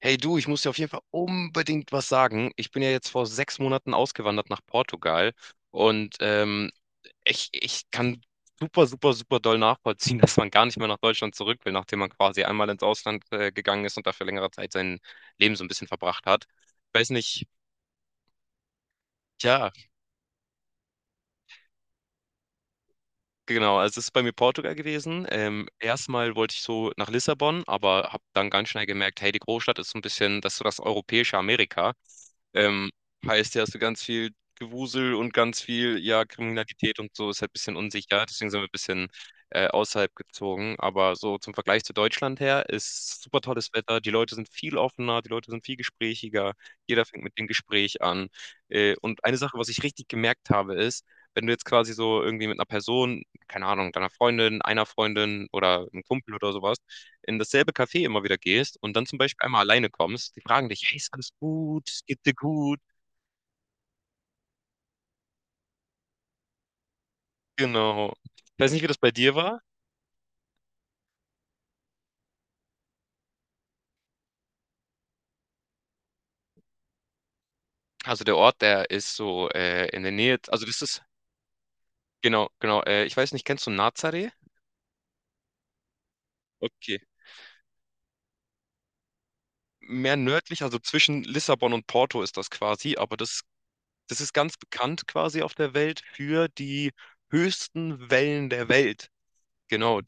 Hey du, ich muss dir auf jeden Fall unbedingt was sagen. Ich bin ja jetzt vor 6 Monaten ausgewandert nach Portugal und ich kann super, super, super doll nachvollziehen, dass man gar nicht mehr nach Deutschland zurück will, nachdem man quasi einmal ins Ausland gegangen ist und da für längere Zeit sein Leben so ein bisschen verbracht hat. Ich weiß nicht, ja, genau, also es ist bei mir Portugal gewesen. Erstmal wollte ich so nach Lissabon, aber habe dann ganz schnell gemerkt, hey, die Großstadt ist so ein bisschen, das ist so das europäische Amerika. Ähm, heißt ja, hast du ganz viel Gewusel und ganz viel, ja, Kriminalität und so, ist halt ein bisschen unsicher. Deswegen sind wir ein bisschen außerhalb gezogen. Aber so zum Vergleich zu Deutschland her ist super tolles Wetter. Die Leute sind viel offener, die Leute sind viel gesprächiger. Jeder fängt mit dem Gespräch an. Und eine Sache, was ich richtig gemerkt habe, ist, wenn du jetzt quasi so irgendwie mit einer Person keine Ahnung, deiner Freundin, einer Freundin oder einem Kumpel oder sowas, in dasselbe Café immer wieder gehst und dann zum Beispiel einmal alleine kommst, die fragen dich, hey, ist alles gut, es geht dir gut, genau. Ich weiß nicht, wie das bei dir war. Also der Ort, der ist so in der Nähe, also das ist, genau, genau, ich weiß nicht, kennst du Nazaré? Okay. Mehr nördlich, also zwischen Lissabon und Porto ist das quasi, aber das ist ganz bekannt quasi auf der Welt für die höchsten Wellen der Welt. Genau,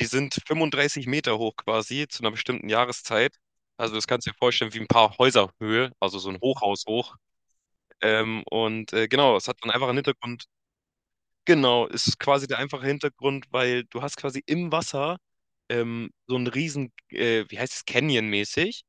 die sind 35 Meter hoch quasi zu einer bestimmten Jahreszeit. Also das kannst du dir vorstellen wie ein paar Häuserhöhe, also so ein Hochhaus hoch. Genau, es hat einen einfachen Hintergrund. Genau, ist quasi der einfache Hintergrund, weil du hast quasi im Wasser so einen riesen, wie heißt es, Canyon-mäßig,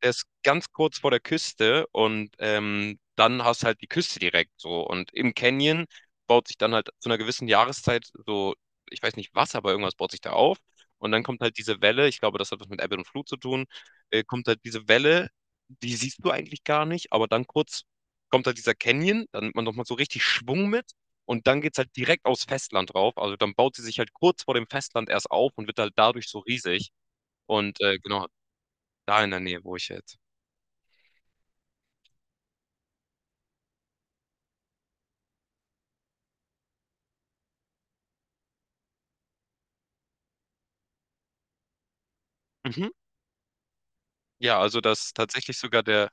der ist ganz kurz vor der Küste, und dann hast halt die Küste direkt so. Und im Canyon baut sich dann halt zu einer gewissen Jahreszeit so, ich weiß nicht was, aber irgendwas baut sich da auf. Und dann kommt halt diese Welle, ich glaube, das hat was mit Ebbe und Flut zu tun, kommt halt diese Welle, die siehst du eigentlich gar nicht, aber dann kurz kommt halt dieser Canyon, dann nimmt man nochmal so richtig Schwung mit und dann geht's halt direkt aufs Festland drauf. Also dann baut sie sich halt kurz vor dem Festland erst auf und wird halt dadurch so riesig. Und genau, da in der Nähe, wo ich jetzt. Mhm. Ja, also das tatsächlich sogar der,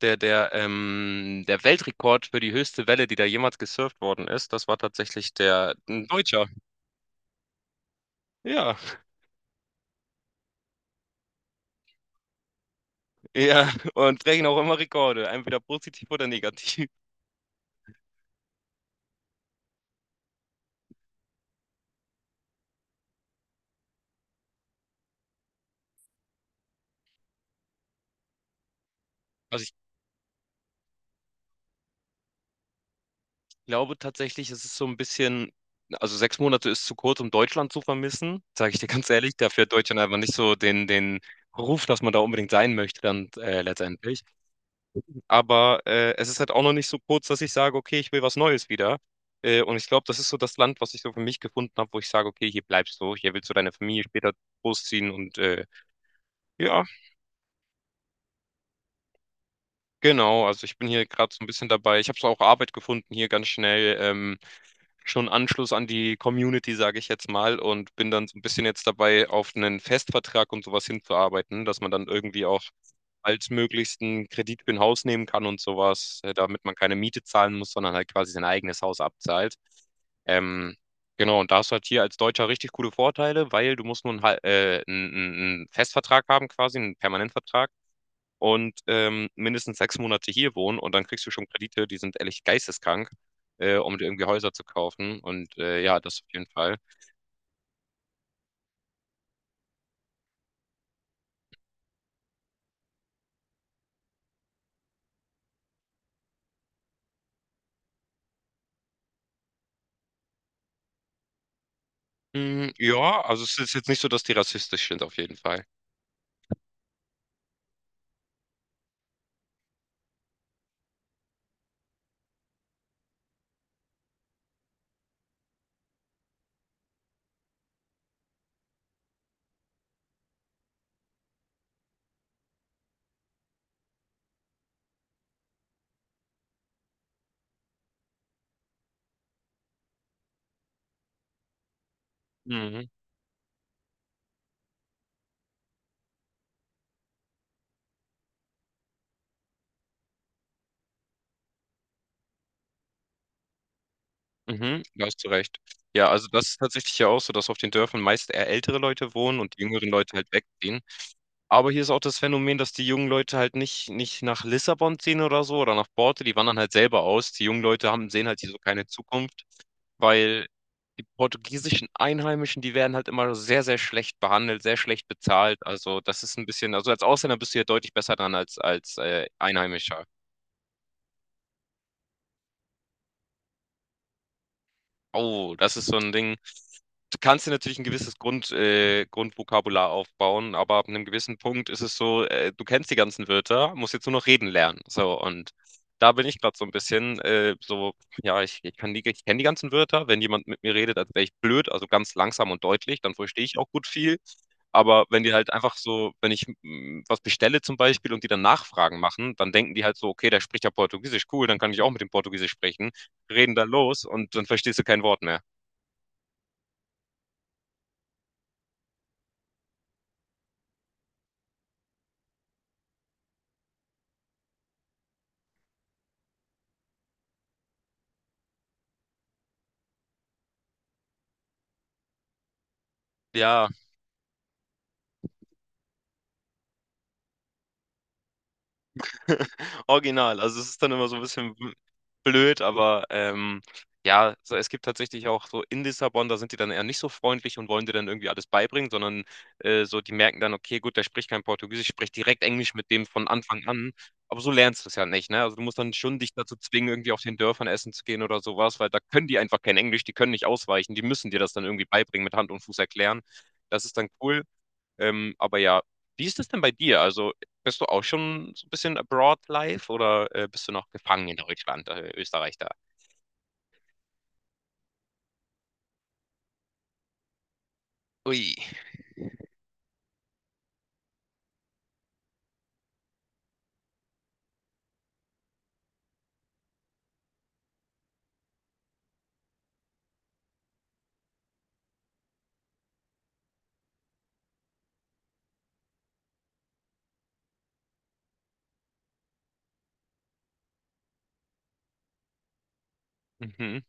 der, der, ähm, der Weltrekord für die höchste Welle, die da jemals gesurft worden ist, das war tatsächlich der ein Deutscher. Ja, ja, und brechen auch immer Rekorde, entweder positiv oder negativ. Also ich glaube tatsächlich, es ist so ein bisschen, also 6 Monate ist zu kurz, um Deutschland zu vermissen, sage ich dir ganz ehrlich, dafür hat Deutschland einfach nicht so den Ruf, dass man da unbedingt sein möchte, dann letztendlich. Aber es ist halt auch noch nicht so kurz, dass ich sage, okay, ich will was Neues wieder. Und ich glaube, das ist so das Land, was ich so für mich gefunden habe, wo ich sage, okay, hier bleibst du, hier willst du deine Familie später großziehen und ja, genau, also ich bin hier gerade so ein bisschen dabei. Ich habe so auch Arbeit gefunden hier ganz schnell. Schon Anschluss an die Community, sage ich jetzt mal, und bin dann so ein bisschen jetzt dabei, auf einen Festvertrag und sowas hinzuarbeiten, dass man dann irgendwie auch altmöglichst einen Kredit für ein Haus nehmen kann und sowas, damit man keine Miete zahlen muss, sondern halt quasi sein eigenes Haus abzahlt. Ähm, genau, und da hast du halt hier als Deutscher richtig coole Vorteile, weil du musst nur einen Festvertrag haben, quasi, einen Permanentvertrag, und mindestens 6 Monate hier wohnen und dann kriegst du schon Kredite, die sind ehrlich geisteskrank, um dir irgendwie Häuser zu kaufen. Und ja, das auf jeden Fall. Mm, ja, also es ist jetzt nicht so, dass die rassistisch sind, auf jeden Fall. Mhm, mhm, da hast du recht. Ja, also das ist tatsächlich ja auch so, dass auf den Dörfern meist eher ältere Leute wohnen und die jüngeren Leute halt wegziehen. Aber hier ist auch das Phänomen, dass die jungen Leute halt nicht, nicht nach Lissabon ziehen oder so oder nach Borte, die wandern halt selber aus. Die jungen Leute haben, sehen halt hier so keine Zukunft, weil die portugiesischen Einheimischen, die werden halt immer sehr, sehr schlecht behandelt, sehr schlecht bezahlt. Also das ist ein bisschen, also als Ausländer bist du ja deutlich besser dran als als Einheimischer. Oh, das ist so ein Ding. Du kannst dir natürlich ein gewisses Grundvokabular aufbauen, aber ab einem gewissen Punkt ist es so, du kennst die ganzen Wörter, musst jetzt nur noch reden lernen. So, und da bin ich gerade so ein bisschen so, ja, ich kann die, ich kenne die ganzen Wörter. Wenn jemand mit mir redet, als wäre ich blöd, also ganz langsam und deutlich, dann verstehe ich auch gut viel. Aber wenn die halt einfach so, wenn ich was bestelle zum Beispiel und die dann Nachfragen machen, dann denken die halt so, okay, der spricht ja Portugiesisch, cool, dann kann ich auch mit dem Portugiesisch sprechen, reden da los und dann verstehst du kein Wort mehr. Ja, original. Also es ist dann immer so ein bisschen blöd, aber ja, so, es gibt tatsächlich auch so in Lissabon, da sind die dann eher nicht so freundlich und wollen dir dann irgendwie alles beibringen, sondern so, die merken dann, okay, gut, der spricht kein Portugiesisch, ich direkt Englisch mit dem von Anfang an. Aber so lernst du es ja nicht, ne? Also du musst dann schon dich dazu zwingen, irgendwie auf den Dörfern essen zu gehen oder sowas, weil da können die einfach kein Englisch, die können nicht ausweichen, die müssen dir das dann irgendwie beibringen, mit Hand und Fuß erklären. Das ist dann cool. Aber ja, wie ist es denn bei dir? Also bist du auch schon so ein bisschen abroad live oder bist du noch gefangen in Deutschland, Österreich da? Ui. Mhm,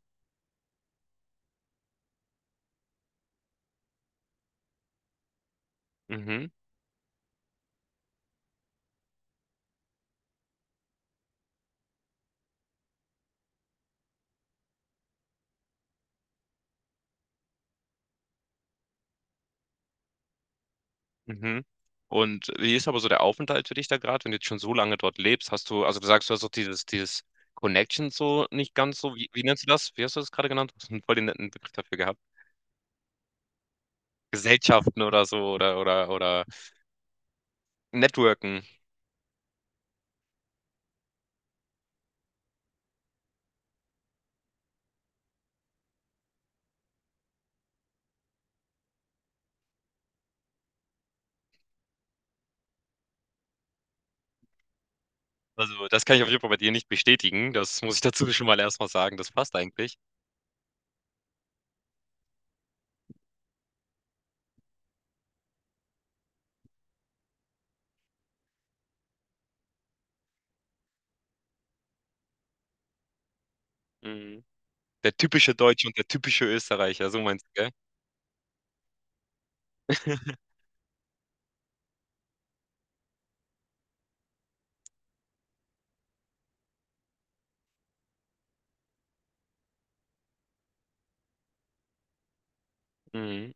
mhm, mhm. Und wie ist aber so der Aufenthalt für dich da gerade, wenn du jetzt schon so lange dort lebst? Hast du, also du sagst, du hast doch dieses Connection so nicht ganz so, wie nennst du das? Wie hast du das gerade genannt? Du hast einen voll den netten Begriff dafür gehabt. Gesellschaften oder so oder Networken. Also das kann ich auf jeden Fall bei dir nicht bestätigen. Das muss ich dazu schon mal erstmal sagen. Das passt eigentlich. Mhm. Der typische Deutsche und der typische Österreicher, so meinst du, gell? Mhm,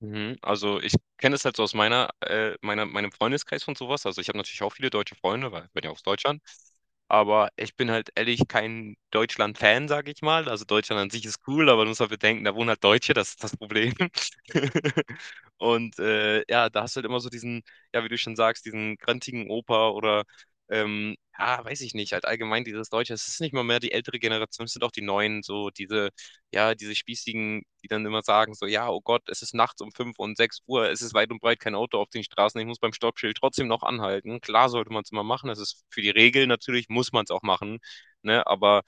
mhm. Also, ich kenne es halt so aus meiner meiner meinem Freundeskreis und sowas. Also, ich habe natürlich auch viele deutsche Freunde, weil ich bin ja aus Deutschland. Aber ich bin halt ehrlich kein Deutschland-Fan, sage ich mal. Also, Deutschland an sich ist cool, aber du musst halt bedenken, da wohnen halt Deutsche, das ist das Problem. Und, ja, da hast du halt immer so diesen, ja, wie du schon sagst, diesen grantigen Opa oder, ja, weiß ich nicht, halt allgemein dieses Deutsche. Es ist nicht mal mehr die ältere Generation, es sind auch die Neuen, so diese Spießigen, die dann immer sagen, so, ja, oh Gott, es ist nachts um 5 und 6 Uhr, es ist weit und breit kein Auto auf den Straßen, ich muss beim Stoppschild trotzdem noch anhalten. Klar sollte man es immer machen, das ist für die Regeln natürlich, muss man es auch machen, ne, aber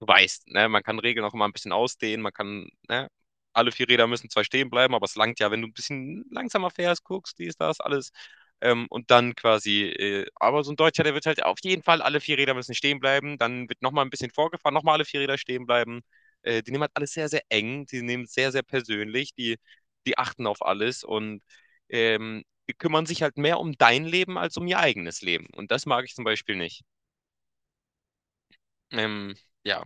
du weißt, ne, man kann Regeln auch immer ein bisschen ausdehnen, man kann, ne, alle vier Räder müssen zwar stehen bleiben, aber es langt ja, wenn du ein bisschen langsamer fährst, guckst, dies, das, alles. Und dann quasi, aber so ein Deutscher, der wird halt auf jeden Fall alle vier Räder müssen stehen bleiben. Dann wird nochmal ein bisschen vorgefahren, nochmal alle vier Räder stehen bleiben. Die nehmen halt alles sehr, sehr eng, die nehmen es sehr, sehr persönlich, die achten auf alles und die kümmern sich halt mehr um dein Leben als um ihr eigenes Leben. Und das mag ich zum Beispiel nicht. Ähm, ja.